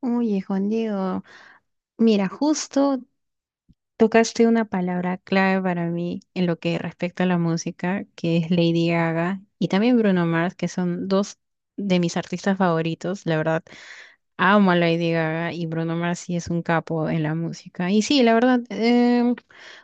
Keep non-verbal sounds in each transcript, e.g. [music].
Oye, Juan Diego, mira, justo tocaste una palabra clave para mí en lo que respecta a la música, que es Lady Gaga y también Bruno Mars, que son dos de mis artistas favoritos. La verdad, amo a Lady Gaga y Bruno Mars sí es un capo en la música. Y sí, la verdad,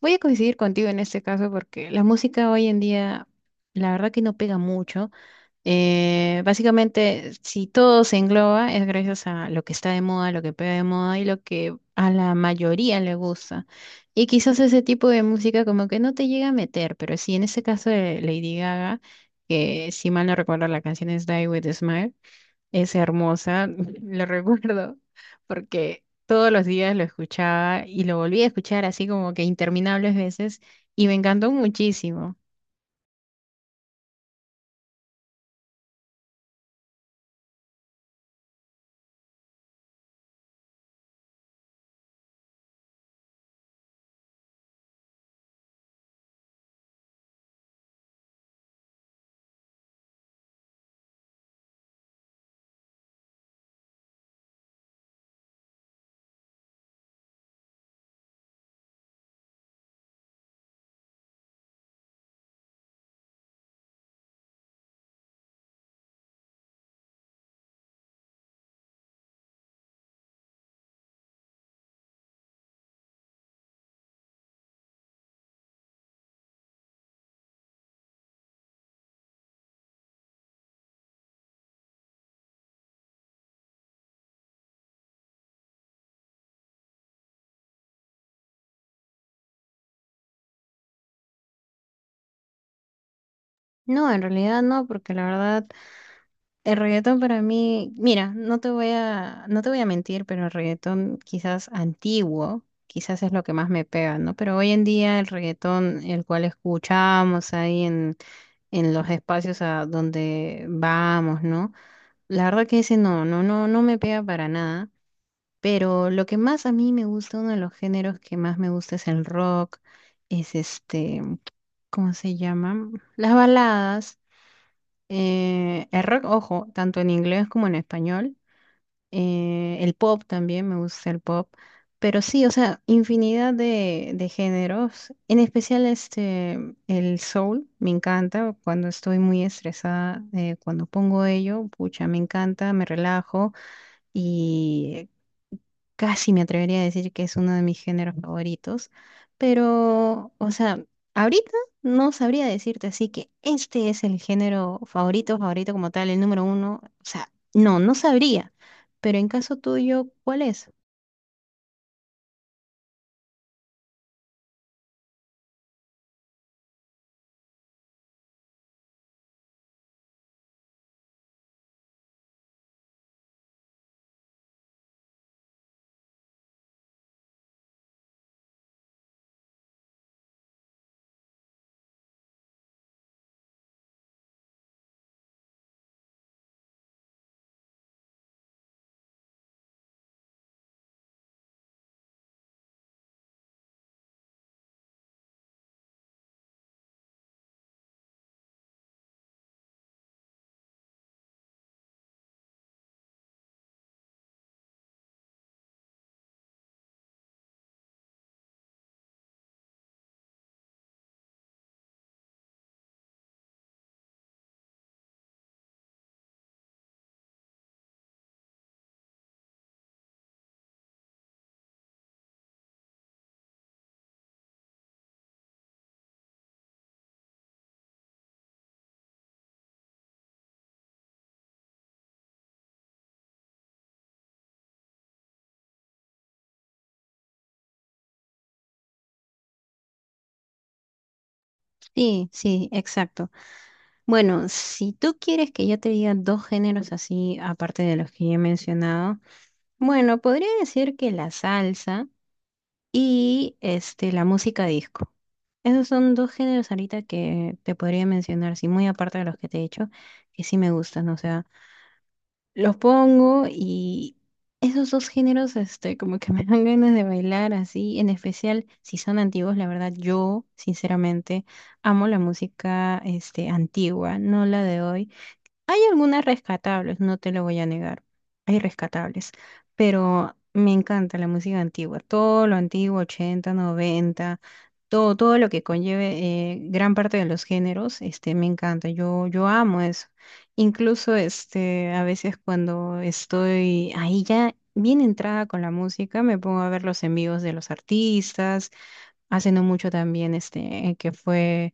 voy a coincidir contigo en este caso porque la música hoy en día, la verdad que no pega mucho. Básicamente, si todo se engloba, es gracias a lo que está de moda, lo que pega de moda y lo que a la mayoría le gusta. Y quizás ese tipo de música como que no te llega a meter, pero sí, en este caso de Lady Gaga, que si mal no recuerdo la canción es Die With a Smile, es hermosa, [laughs] lo recuerdo, porque todos los días lo escuchaba y lo volví a escuchar así como que interminables veces y me encantó muchísimo. No, en realidad no, porque la verdad... El reggaetón para mí, mira, no te voy a mentir, pero el reggaetón quizás antiguo, quizás es lo que más me pega, ¿no? Pero hoy en día el reggaetón, el cual escuchamos ahí en los espacios a donde vamos, ¿no? La verdad que ese no, no me pega para nada. Pero lo que más a mí me gusta, uno de los géneros que más me gusta es el rock, es este, ¿cómo se llama? Las baladas. El rock, ojo, tanto en inglés como en español el pop también, me gusta el pop. Pero sí, o sea, infinidad de géneros. En especial este, el soul, me encanta. Cuando estoy muy estresada, cuando pongo ello, pucha, me encanta, me relajo. Y casi me atrevería a decir que es uno de mis géneros favoritos, pero, o sea, ahorita no sabría decirte así que este es el género favorito, favorito como tal, el número uno, o sea, no, no sabría, pero en caso tuyo, ¿cuál es? Sí, sí, exacto. Bueno, si tú quieres que yo te diga dos géneros así, aparte de los que ya he mencionado, bueno, podría decir que la salsa, y este, la música disco. Esos son dos géneros ahorita que te podría mencionar, sí, muy aparte de los que te he dicho, que sí me gustan, o sea, los pongo y esos dos géneros, este, como que [laughs] me dan ganas de bailar así, en especial si son antiguos, la verdad, yo sinceramente amo la música, este, antigua, no la de hoy. Algunas rescatables, no te lo voy a negar. Hay rescatables, pero me encanta la música antigua, todo lo antiguo, 80 noventa, todo, todo lo que conlleve gran parte de los géneros, este, me encanta. Yo amo eso. Incluso este, a veces cuando estoy ahí ya bien entrada con la música, me pongo a ver los en vivos de los artistas hace no mucho también, este, que fue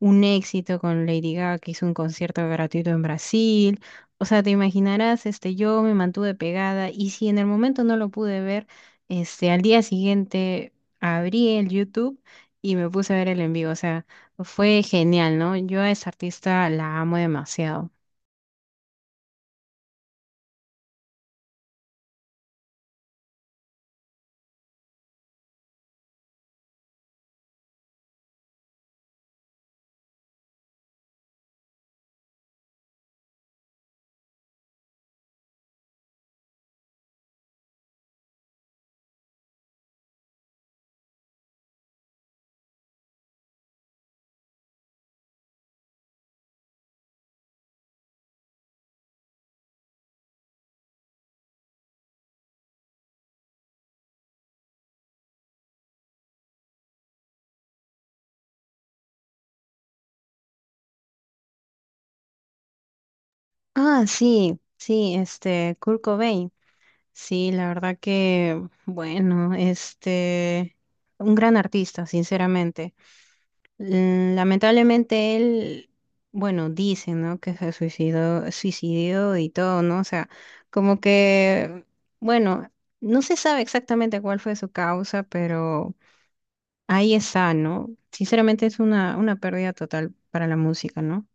un éxito con Lady Gaga, que hizo un concierto gratuito en Brasil. O sea, te imaginarás, este, yo me mantuve pegada y si en el momento no lo pude ver, este, al día siguiente abrí el YouTube y me puse a ver el en vivo. O sea, fue genial, ¿no? Yo a esa artista la amo demasiado. Ah, sí, sí, este, Kurt Cobain. Sí, la verdad que, bueno, este, un gran artista, sinceramente. Mm, lamentablemente él, bueno, dicen, ¿no? Que se suicidó, suicidió y todo, ¿no? O sea, como que, bueno, no se sabe exactamente cuál fue su causa, pero ahí está, ¿no? Sinceramente es una pérdida total para la música, ¿no?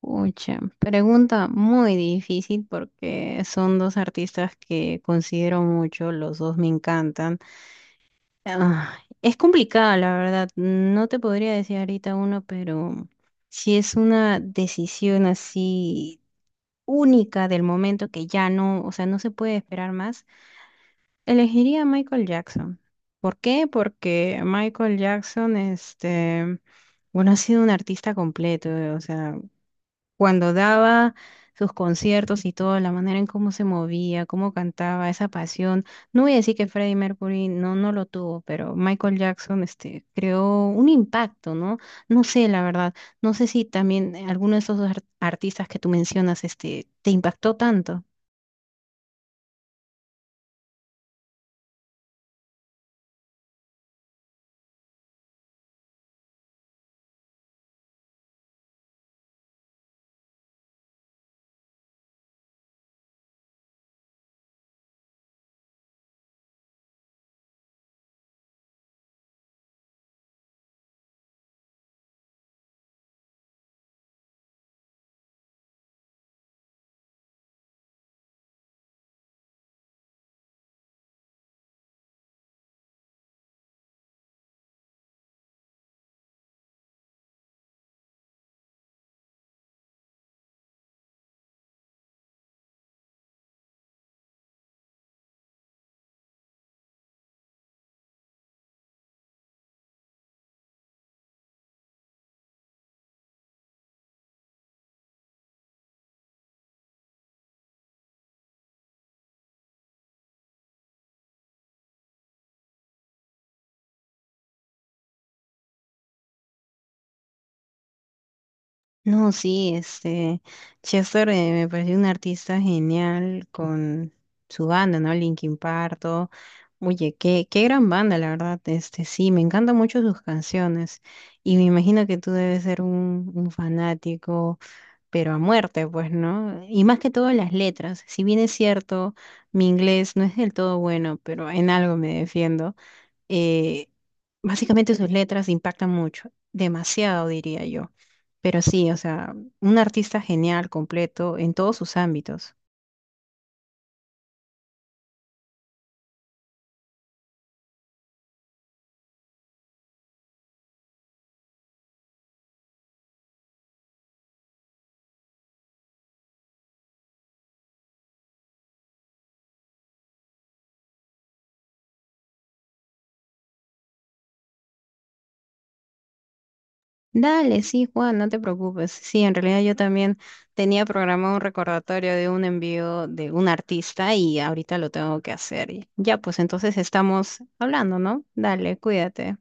Pucha, pregunta muy difícil porque son dos artistas que considero mucho, los dos me encantan. Ah, es complicada, la verdad. No te podría decir ahorita uno, pero si es una decisión así única del momento que ya no, o sea, no se puede esperar más, elegiría a Michael Jackson. ¿Por qué? Porque Michael Jackson, este, bueno, ha sido un artista completo, o sea cuando daba sus conciertos y todo, la manera en cómo se movía, cómo cantaba, esa pasión. No voy a decir que Freddie Mercury no, no lo tuvo, pero Michael Jackson este, creó un impacto, ¿no? No sé, la verdad, no sé si también alguno de esos artistas que tú mencionas este, te impactó tanto. No, sí, este, Chester me pareció un artista genial con su banda, ¿no? Linkin Park, todo. Oye, qué, qué gran banda, la verdad. Este, sí, me encantan mucho sus canciones. Y me imagino que tú debes ser un fanático, pero a muerte, pues, ¿no? Y más que todo las letras. Si bien es cierto, mi inglés no es del todo bueno, pero en algo me defiendo, eh, básicamente sus letras impactan mucho, demasiado diría yo. Pero sí, o sea, un artista genial, completo, en todos sus ámbitos. Dale, sí, Juan, no te preocupes. Sí, en realidad yo también tenía programado un recordatorio de un envío de un artista y ahorita lo tengo que hacer. Y ya, pues entonces estamos hablando, ¿no? Dale, cuídate.